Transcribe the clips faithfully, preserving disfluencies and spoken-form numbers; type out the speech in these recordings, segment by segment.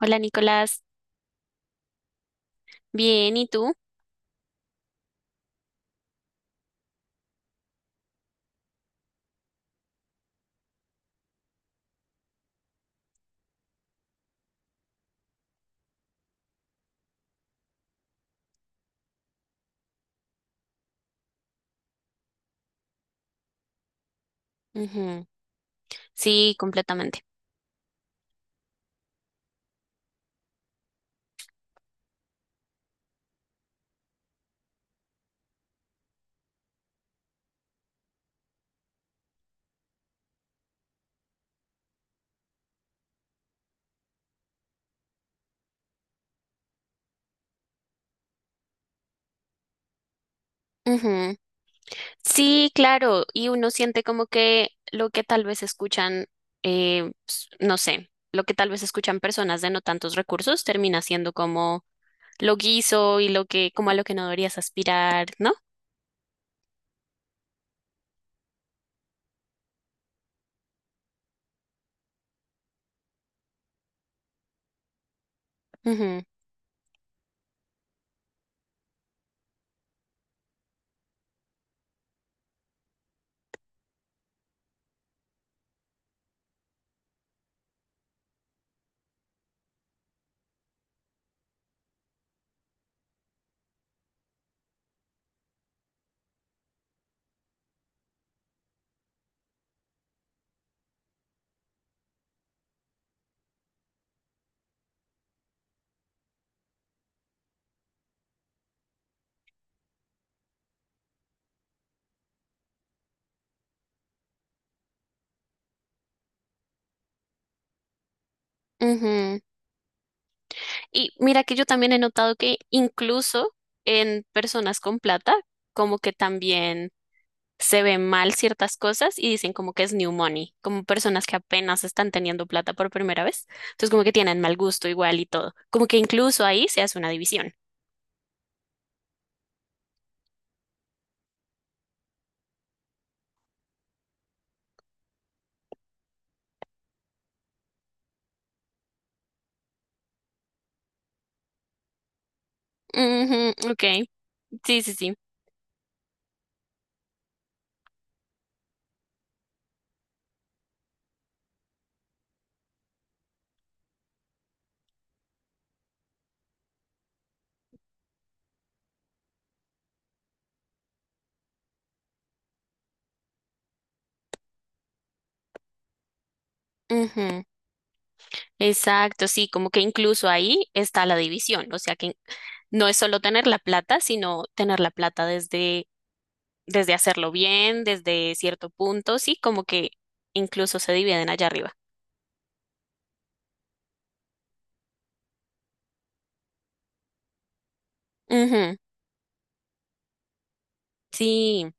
Hola Nicolás, bien, ¿y tú? Ujú. Sí, completamente. Ujú. Sí, claro, y uno siente como que lo que tal vez escuchan, eh, s- no sé, lo que tal vez escuchan personas de no tantos recursos termina siendo como lo guiso y lo que, como a lo que no deberías aspirar, ¿no? Ujú, ujú. Y mira que yo también he notado que incluso en personas con plata, como que también se ven mal ciertas cosas y dicen como que es new money, como personas que apenas están teniendo plata por primera vez. Entonces como que tienen mal gusto igual y todo. Como que incluso ahí se hace una división. Ujú, ok, sí, sí, sí. Ujú. Exacto, sí, como que incluso ahí está la división, o sea que no es solo tener la plata, sino tener la plata desde desde hacerlo bien, desde cierto punto, sí, como que incluso se dividen allá arriba. Ujú, sí,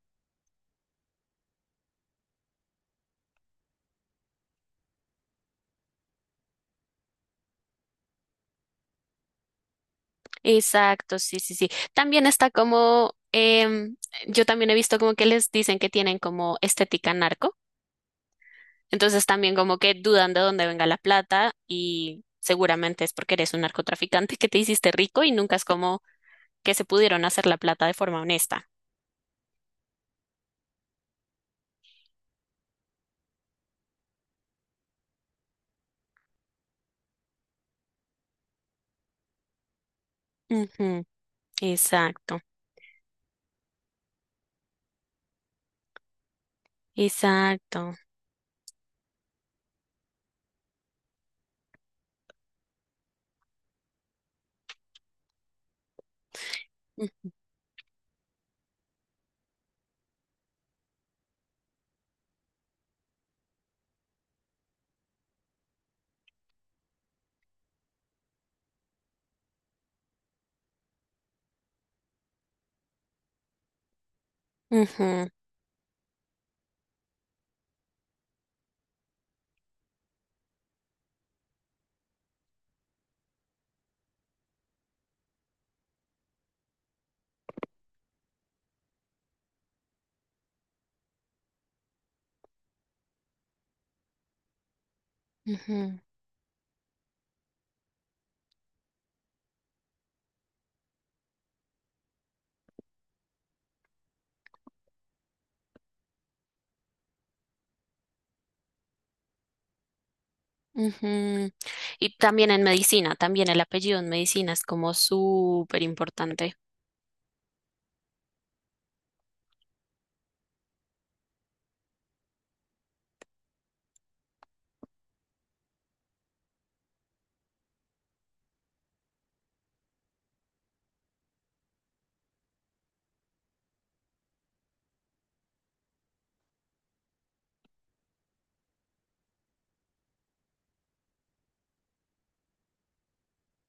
exacto, sí, sí, sí. También está como, em, yo también he visto como que les dicen que tienen como estética narco, entonces también como que dudan de dónde venga la plata y seguramente es porque eres un narcotraficante que te hiciste rico y nunca es como que se pudieron hacer la plata de forma honesta. Ujú, exacto, exacto. Ujú. Ujú, ujú, ujú. Y también en medicina, también el apellido en medicina es como súper importante.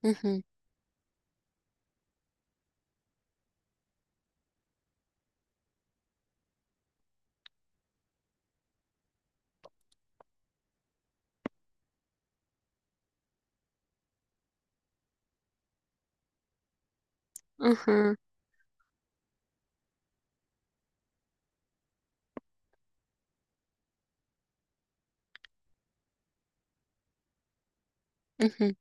Ujú, ujú, ujú,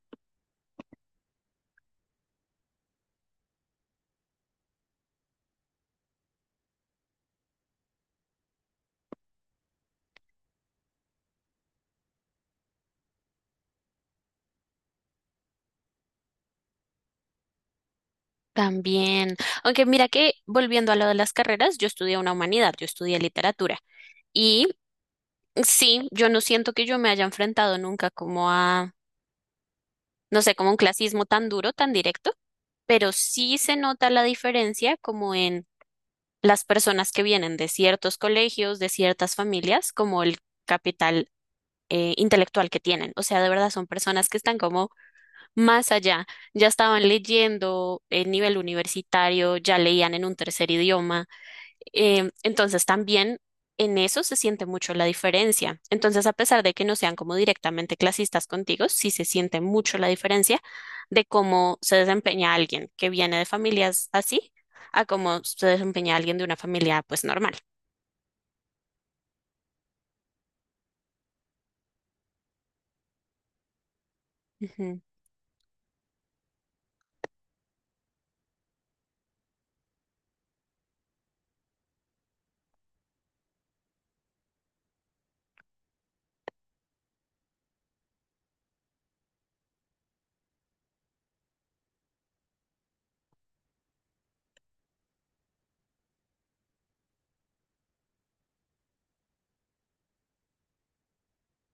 también. Aunque mira que volviendo a lo de las carreras, yo estudié una humanidad, yo estudié literatura. Y sí, yo no siento que yo me haya enfrentado nunca como no sé, como un clasismo tan duro, tan directo, pero sí se nota la diferencia como en las personas que vienen de ciertos colegios, de ciertas familias, como el capital eh, intelectual que tienen. O sea, de verdad son personas que están como más allá, ya estaban leyendo en nivel universitario, ya leían en un tercer idioma. Em, entonces también en eso se siente mucho la diferencia. Entonces, a pesar de que no sean como directamente clasistas contigo, sí se siente mucho la diferencia de cómo se desempeña alguien que viene de familias así a cómo se desempeña alguien de una familia pues normal. Ujú,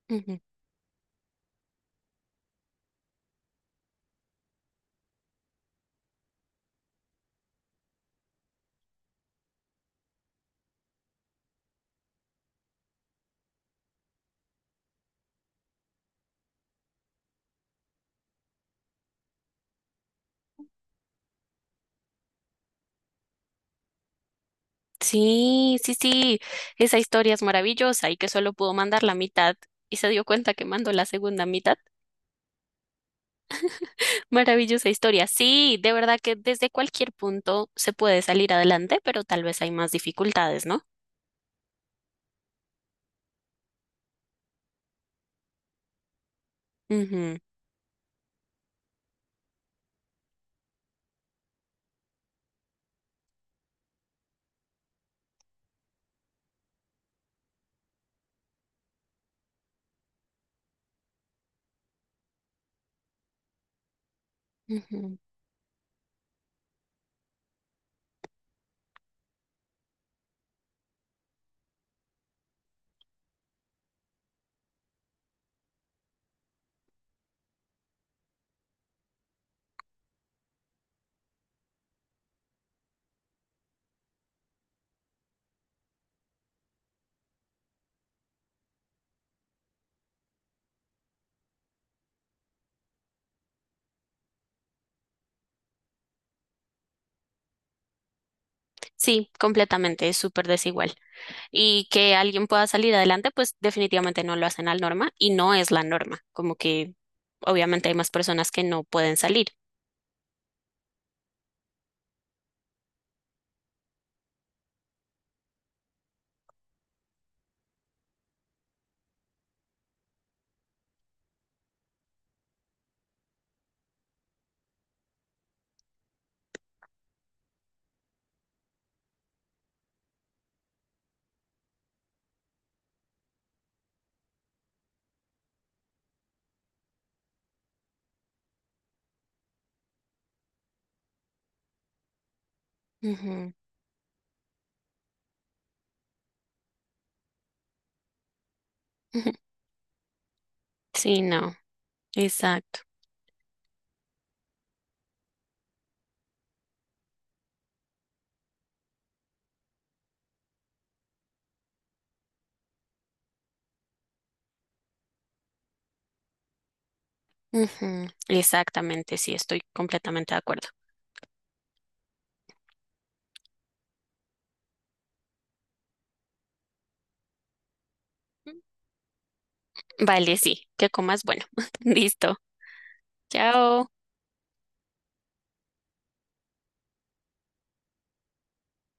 ujú. Sí, sí, sí, esa historia es maravillosa y que solo pudo mandar la mitad y se dio cuenta que mandó la segunda mitad. Maravillosa historia. Sí, de verdad que desde cualquier punto se puede salir adelante, pero tal vez hay más dificultades, ¿no? Ujú, ujú. Sí, completamente, es súper desigual. Y que alguien pueda salir adelante, pues definitivamente no lo hacen al norma y no es la norma, como que obviamente hay más personas que no pueden salir. Ujú, ujú. Sí, no, exacto. Ujú, exactamente, sí, estoy completamente de acuerdo. Vale, sí, que comas bueno. Listo. Chao.